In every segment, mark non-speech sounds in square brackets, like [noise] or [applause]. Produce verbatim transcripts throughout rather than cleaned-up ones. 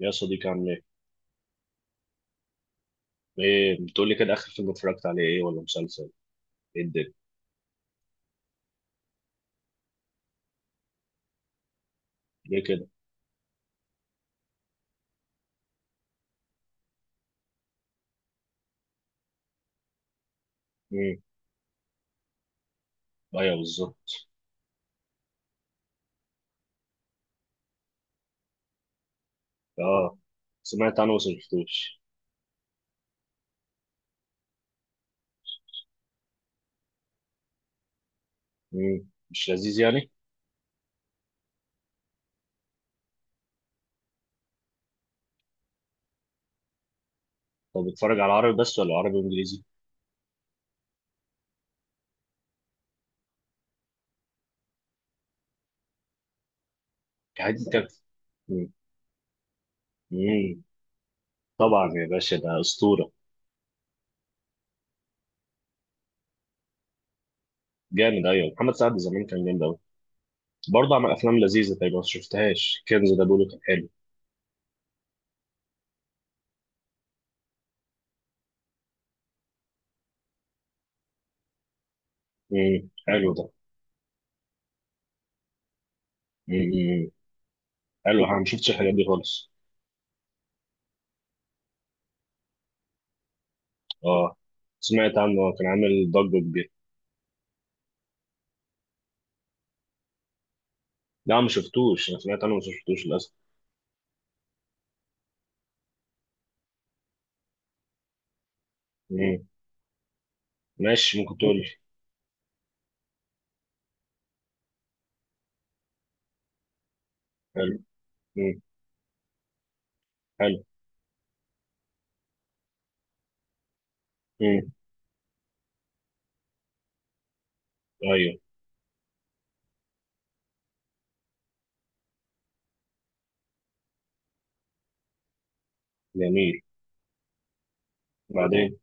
يا صديقي، عامل ايه؟ ايه بتقول لي كده؟ اخر فيلم اتفرجت عليه ايه ولا مسلسل؟ ايه الدنيا؟ ليه كده؟ امم. ايوه، بالظبط. اه، سمعت عنه بس ما شفتوش. امم مش لذيذ يعني؟ طب بتتفرج على عربي بس ولا عربي وانجليزي؟ في حد كده. امم، أمم. طبعا يا باشا، ده اسطوره. جامد. ايوه، محمد سعد زمان كان جامد قوي. برضه عمل افلام لذيذه، تقريبا ما شفتهاش. كنز ده بيقولوا كان حلو. امم حلو ده. امم، أمم. إمم. حلو، انا ما شفتش الحاجات دي خالص. اه، سمعت عنه، كان عامل ضجه كبيره. لا، ما شفتوش، انا سمعت عنه بس ما شفتوش للاسف. مم. ماشي، ممكن تقول لي. حلو. مم. حلو. مم. ايوه. جميل. بعدين.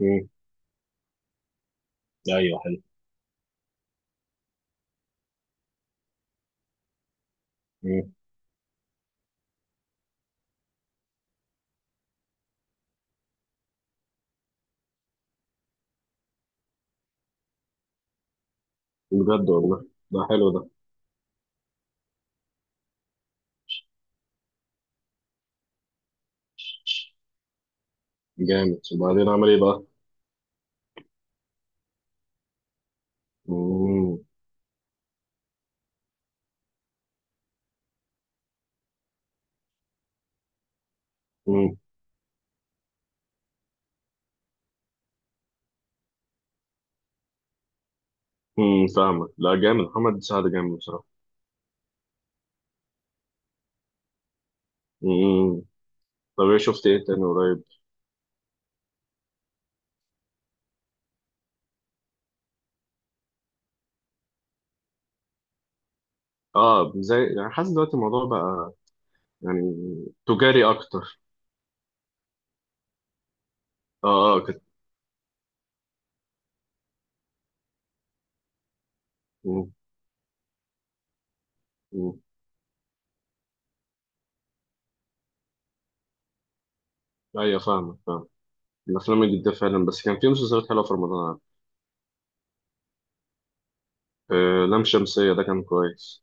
مم. ايوه، حلو. مم. بجد والله، ده حلو ده. جامد. وبعدين عمل ايه بقى؟ مم. مم. مم. فاهمك. لا جامد، محمد سعد جامد بصراحه. مم. طب ايه شفت ايه تاني قريب؟ اه، زي يعني حاسس دلوقتي الموضوع بقى يعني تجاري اكتر. اه، اه، كده. مم. مم. ايوه، فاهمك فاهمك. الافلام الجديده فعلا، بس كان في مسلسلات حلوه في رمضان. آه لام شمسية ده كان كويس.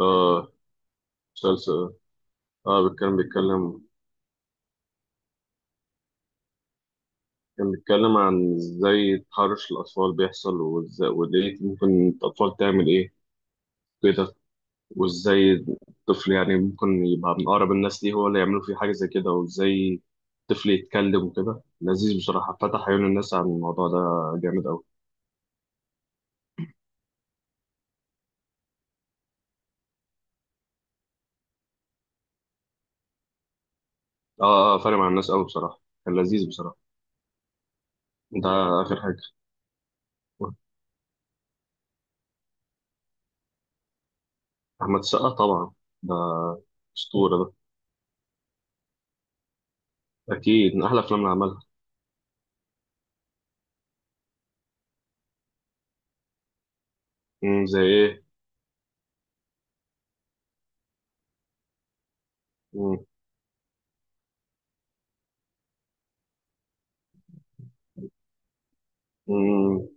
اه. مسلسل. اه، كان بيتكلم. كان بيتكلم عن ازاي تحرش الأطفال بيحصل، وازاي وليه ممكن الأطفال تعمل ايه كده، وازاي الطفل يعني ممكن يبقى من أقرب الناس ليه هو اللي يعملوا فيه حاجة زي كده، وازاي الطفل يتكلم وكده. لذيذ بصراحة، فتح عيون الناس عن الموضوع ده. جامد أوي. اه، اه، فارق مع الناس أوي بصراحة. كان لذيذ بصراحة. ده آخر حاجة. أحمد السقا طبعا، ده أسطورة ده. أكيد من أحلى أفلام اللي عملها. مم، زي ايه؟ مم. مم.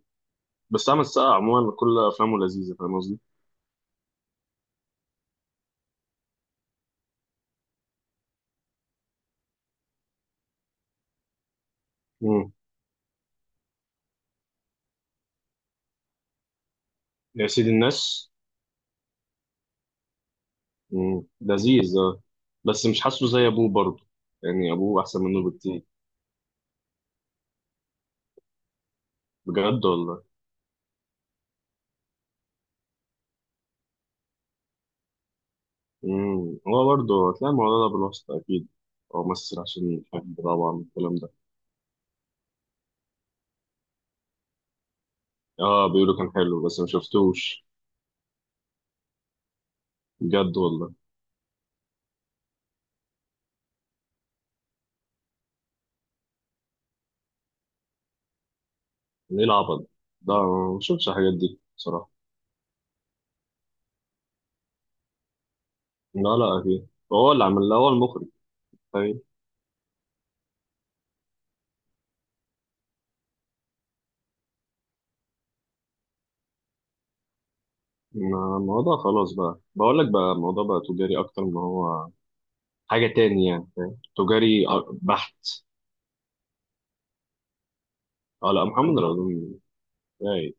بس عمل السقا عموما، كل افلامه لذيذه، فاهم قصدي؟ مم. يا سيد الناس. مم، لذيذ آه. بس مش حاسه زي ابوه برضه، يعني ابوه احسن منه بكتير. بجد والله. مم. هو برضه هتلاقي الموضوع ده بالواسطه اكيد، هو ممثل عشان حد طبعا الكلام ده. اه، بيقولوا كان حلو بس ما شفتوش. بجد والله. ايه العبط ده ده؟ ما شفتش الحاجات دي بصراحه. لا، لا، اكيد. هو اللي عمل، هو المخرج. طيب. ما- الموضوع خلاص بقى، بقول لك بقى الموضوع بقى تجاري اكتر، ما هو حاجه تاني يعني، فاهم؟ تجاري آه، بحت. اه، لا محمد رمضان. اي.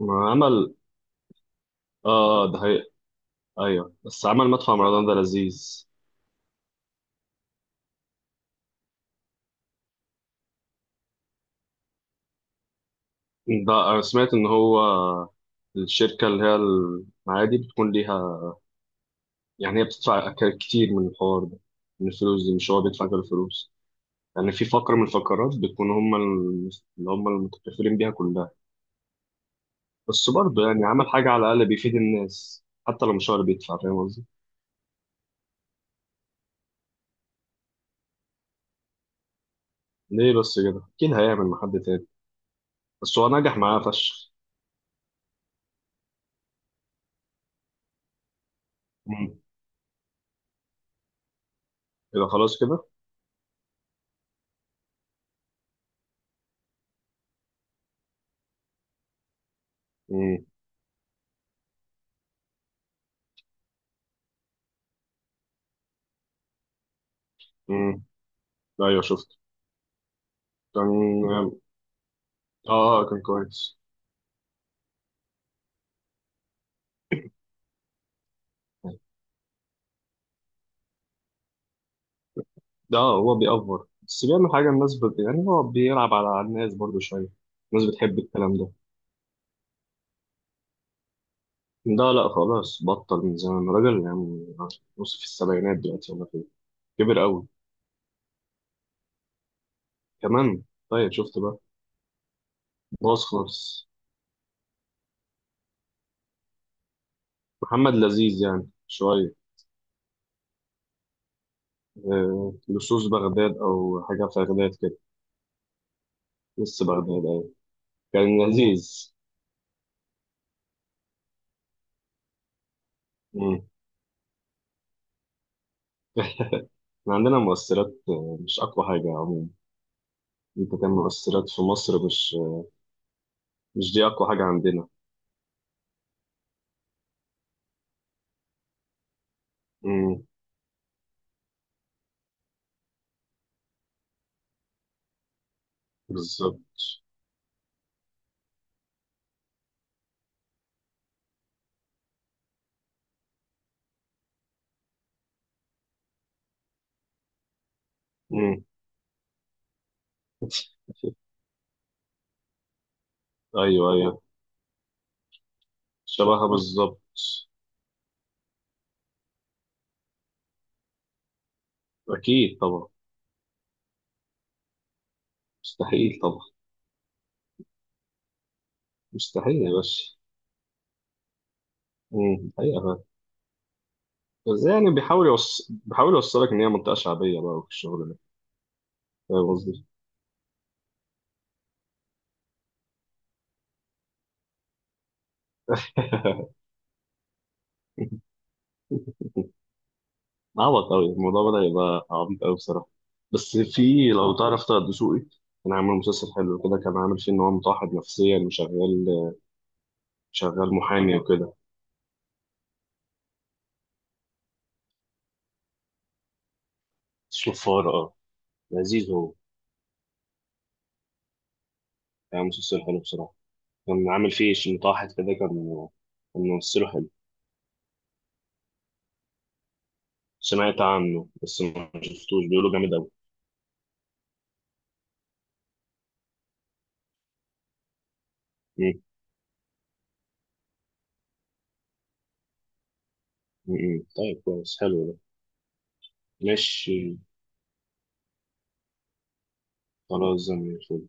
ما عمل. اه، ده هي. ايوه، بس عمل مدفع رمضان ده لذيذ. ده انا سمعت ان هو الشركه اللي هي المعادي بتكون ليها، يعني هي بتدفع ك- كتير من الحوار ده، من الفلوس دي، مش هو بيدفع كل الفلوس. يعني في فقره من الفقرات بتكون هم الم- اللي هم المتكفلين بيها كلها. بس برضه يعني عمل حاجة على الأقل بيفيد الناس، حتى لو مش هو اللي بيدفع، فاهم قصدي؟ ليه بس كده؟ أكيد هيعمل مع حد تاني. بس هو نجح معاه فشخ. مم. إذا خلاص كده؟ مم. مم. أيوه شفت. كان آه، آه، كان كويس. ده آه، هو بيأفور، بس بيعمل حاجة الناس بت... يعني هو بيلعب على على الناس برضه شوية، الناس بتحب الكلام ده. ده لا، خلاص بطل من زمان، راجل يعني نص في السبعينات دلوقتي ولا كده، كبر قوي. كمان. طيب، شفت بقى؟ باظ خالص. محمد لذيذ يعني شوية. آه، لصوص بغداد أو حاجة في بغداد كده. لص بغداد، أيوة. كان لذيذ. مم. [laughs] إحنا عندنا مؤثرات آه، مش أقوى حاجة عموما. أنت، كان مؤثرات في مصر مش آه، مش دي أقوى حاجة عندنا. مم، بالظبط. مم. [laughs] أيوه، أيوه، شبهها بالظبط. أكيد طبعا. مستحيل طبعا. مستحيل يا باشا. مم. حقيقة فعلا. بس يعني بيحاول يوص... بيحاول يوصلك إن هي منطقة شعبية بقى في الشغل ده، فاهم قصدي؟ [laughs] عبط قوي، الموضوع بدأ يبقى عبيط قوي بصراحة. بس في، لو تعرف طه الدسوقي، كان عامل مسلسل حلو كده، كان عامل فيه إن هو متوحد نفسيا وشغال، شغال محامي وكده. صفار، اه. لذيذ هو. كان مسلسل حلو بصراحة، كان عامل فيه ش- متوحد كده. كان كان ممثله حلو. سمعت عنه بس ما شفتوش، بيقولوا جامد أوي. م- م- م. طيب، كويس، حلو ده. ماشي. خلاص، زي ما الفل.